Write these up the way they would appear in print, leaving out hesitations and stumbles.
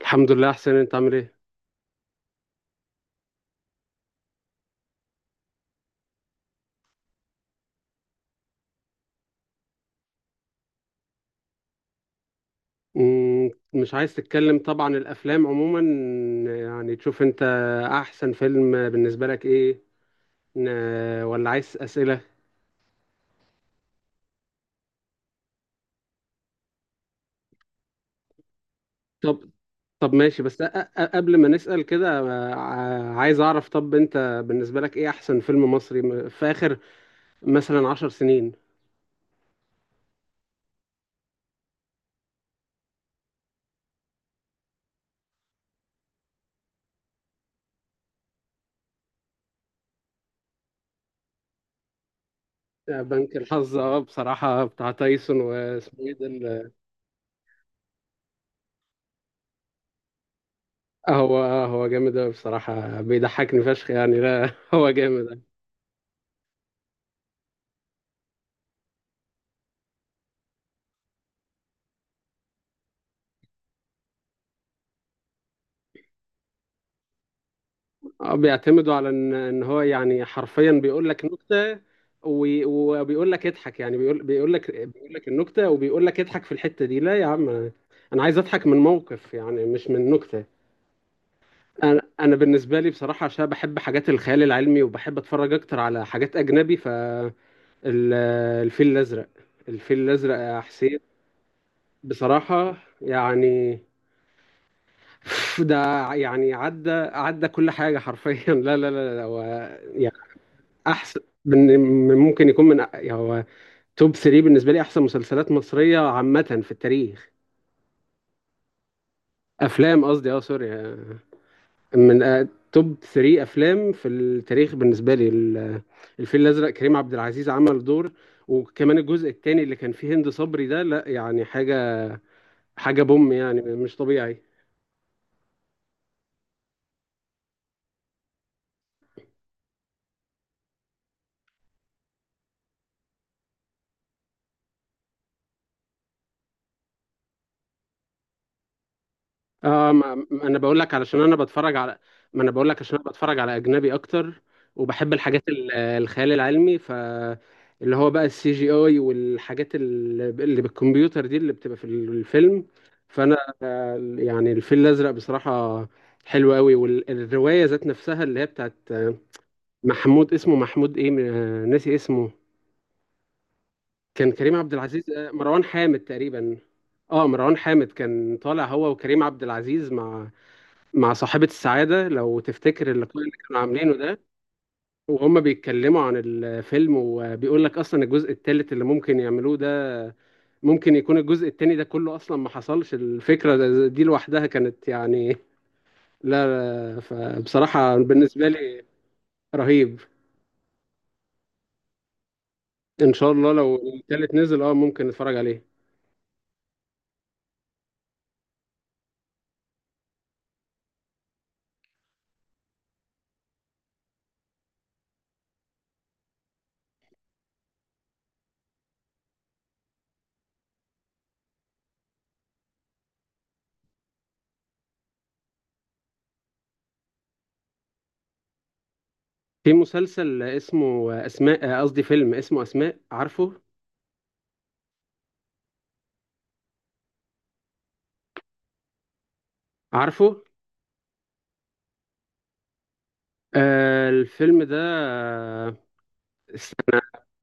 الحمد لله، احسن. انت عامل ايه؟ مش عايز تتكلم، طبعا الافلام عموما يعني تشوف انت احسن فيلم بالنسبه لك ايه، ولا عايز اسئله؟ طب طب ماشي، بس قبل ما نسال كده، عايز اعرف. طب انت بالنسبه لك ايه احسن فيلم مصري في اخر مثلا 10 سنين؟ بنك الحظ. اه بصراحه بتاع تايسون، واسمه ايه ده هو هو جامد أوي بصراحه، بيضحكني فشخ يعني. لا هو جامد. اه بيعتمدوا على ان هو يعني حرفيا بيقول لك نكته وبيقول لك اضحك. يعني بيقول لك النكته وبيقول لك اضحك في الحته دي. لا يا عم، أنا عايز اضحك من موقف يعني، مش من نكته. انا بالنسبه لي بصراحه، عشان بحب حاجات الخيال العلمي وبحب اتفرج اكتر على حاجات اجنبي. فالفيل الازرق الفيل الازرق يا حسين، بصراحه يعني ده يعني عدى عدى كل حاجه حرفيا لا لا لا لا، هو احسن من ممكن يكون من يعني هو توب 3 بالنسبه لي، احسن مسلسلات مصريه عامه في التاريخ. افلام قصدي، سوري. من توب 3 افلام في التاريخ بالنسبه لي الفيل الازرق، كريم عبد العزيز عمل دور، وكمان الجزء الثاني اللي كان فيه هند صبري ده، لا يعني حاجه، حاجه بوم يعني، مش طبيعي. اه ما انا بقول لك علشان انا بتفرج على، ما انا بقول لك عشان انا بتفرج على اجنبي اكتر، وبحب الحاجات الخيال العلمي، ف اللي هو بقى السي جي اي، والحاجات اللي بالكمبيوتر دي اللي بتبقى في الفيلم. فانا يعني الفيل الازرق بصراحة حلو قوي، والرواية ذات نفسها اللي هي بتاعت محمود، اسمه محمود ايه ناسي اسمه. كان كريم عبد العزيز مروان حامد تقريبا. اه مروان حامد كان طالع هو وكريم عبد العزيز مع صاحبة السعادة، لو تفتكر اللقاء اللي كانوا عاملينه ده، وهم بيتكلموا عن الفيلم، وبيقول لك أصلا الجزء الثالث اللي ممكن يعملوه ده، ممكن يكون الجزء الثاني ده كله أصلا ما حصلش. الفكرة دي لوحدها كانت يعني، لا فبصراحة بالنسبة لي رهيب. إن شاء الله، لو الثالث نزل ممكن نتفرج عليه. في مسلسل اسمه أسماء، قصدي فيلم اسمه أسماء، عارفه؟ عارفه؟ الفيلم ده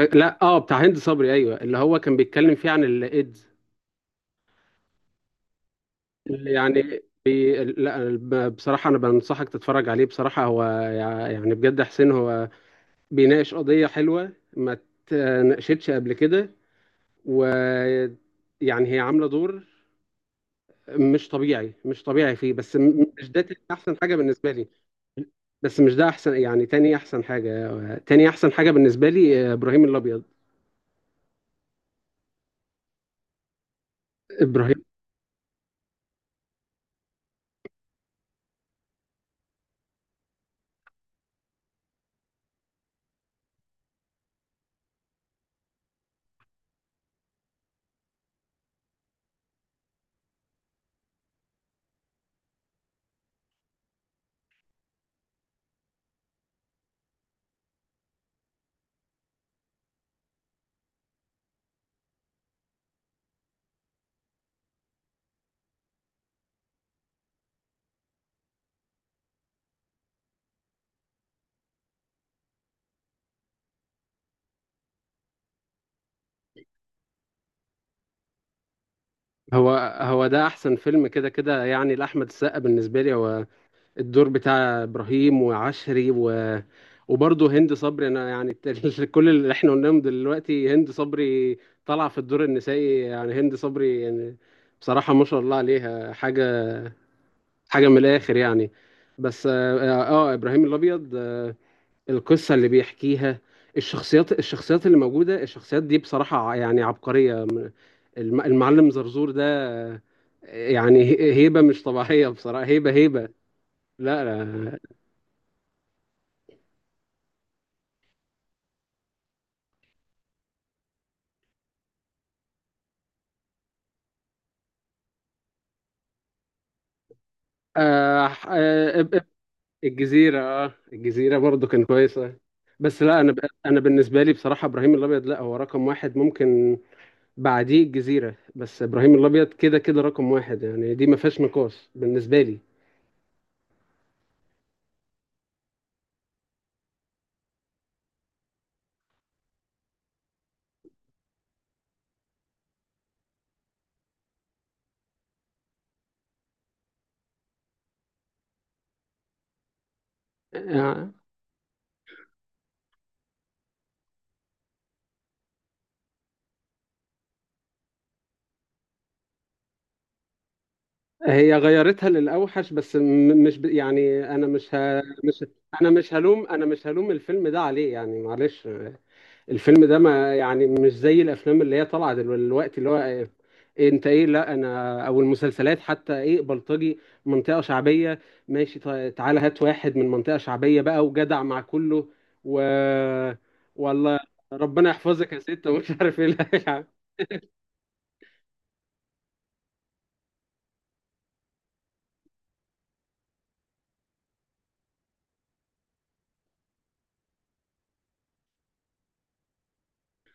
آه، لا بتاع هند صبري، ايوه، اللي هو كان بيتكلم فيه عن الايدز. لا، بصراحه انا بنصحك تتفرج عليه بصراحه. هو يعني بجد حسين، هو بيناقش قضيه حلوه ما اتناقشتش قبل كده، و يعني هي عامله دور مش طبيعي، مش طبيعي فيه. بس مش ده تاني احسن حاجه بالنسبه لي. بس مش ده احسن يعني، تاني احسن حاجه. تاني احسن حاجه بالنسبه لي ابراهيم الابيض. ابراهيم هو هو ده احسن فيلم كده كده يعني لاحمد السقا بالنسبه لي، هو الدور بتاع ابراهيم وعشري، وبرضه هند صبري، انا يعني كل اللي احنا قلناهم دلوقتي، هند صبري طالعه في الدور النسائي يعني، هند صبري يعني، بصراحه ما شاء الله عليها، حاجه حاجه من الاخر يعني. بس اه, آه ابراهيم الابيض القصه اللي بيحكيها، الشخصيات اللي موجوده، الشخصيات دي بصراحه يعني عبقريه، المعلم زرزور ده يعني هيبه مش طبيعيه بصراحه، هيبه هيبه. لا لا آه آه إب- إب- الجزيرة. اه الجزيرة برضو كان كويسة. بس لا انا انا بالنسبة لي بصراحة ابراهيم الابيض، لا هو رقم واحد. ممكن بعديه الجزيرة، بس ابراهيم الابيض كده كده رقم واحد يعني، دي ما فيهاش نقاش بالنسبة لي. آه هي غيرتها للاوحش، بس مش يعني انا مش مش انا مش هلوم الفيلم ده عليه يعني، معلش. الفيلم ده ما يعني، مش زي الافلام اللي هي طالعه دلوقتي اللي هو إيه، انت ايه لا انا، او المسلسلات حتى، ايه بلطجي، منطقه شعبيه. ماشي طيب، تعالى هات واحد من منطقه شعبيه بقى وجدع مع كله، و والله ربنا يحفظك يا ست ومش عارف ايه. لا، يعني.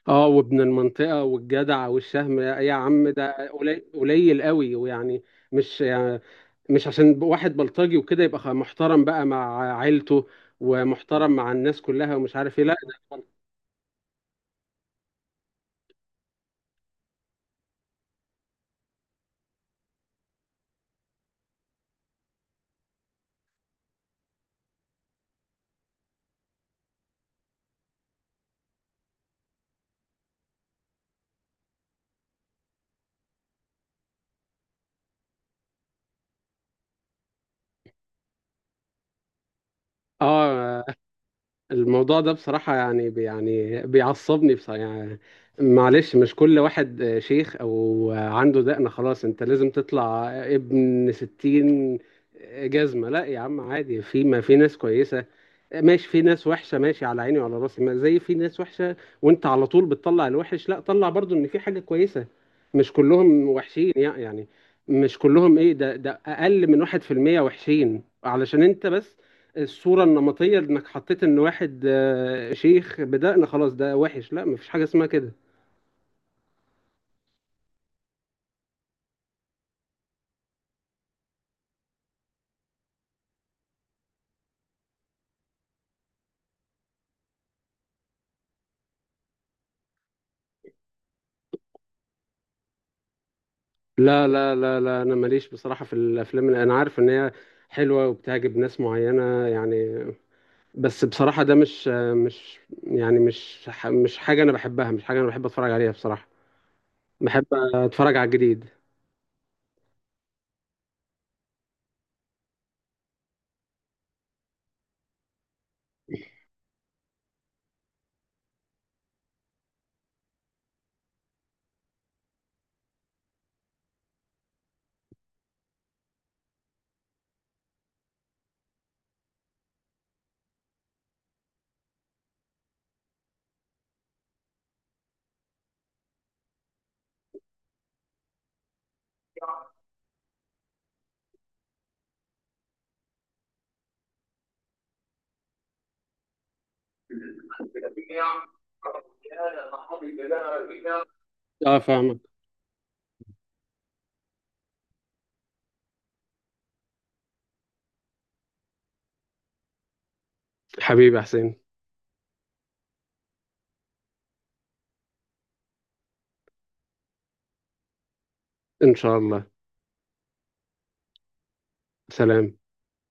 اه وابن المنطقة والجدع والشهم، يا يا عم ده قليل قليل قوي، ويعني مش يعني، مش عشان واحد بلطجي وكده يبقى محترم بقى مع عيلته ومحترم مع الناس كلها ومش عارف ايه. لا ده اه الموضوع ده بصراحة يعني، يعني بيعصبني بصراحة يعني، معلش، مش كل واحد شيخ او عنده دقنة خلاص انت لازم تطلع ابن 60 جزمة، لا يا عم عادي، في ما في ناس كويسة، ماشي في ناس وحشة، ماشي على عيني وعلى راسي، ما زي في ناس وحشة. وانت على طول بتطلع الوحش، لا طلع برضو ان في حاجة كويسة. مش كلهم وحشين يعني، مش كلهم ايه، ده اقل من 1% وحشين علشان انت بس الصورة النمطية انك حطيت ان واحد شيخ بدقن خلاص ده وحش، لا مفيش حاجة اسمها كده. لا لا لا لا، انا ماليش بصراحة في الافلام، انا عارف ان هي حلوة وبتعجب ناس معينة يعني، بس بصراحة ده مش يعني، مش مش حاجة أنا بحبها، مش حاجة أنا بحب أتفرج عليها بصراحة. بحب أتفرج على الجديد. اه فاهمك. حبيبي يا حسين، إن شاء الله. سلام.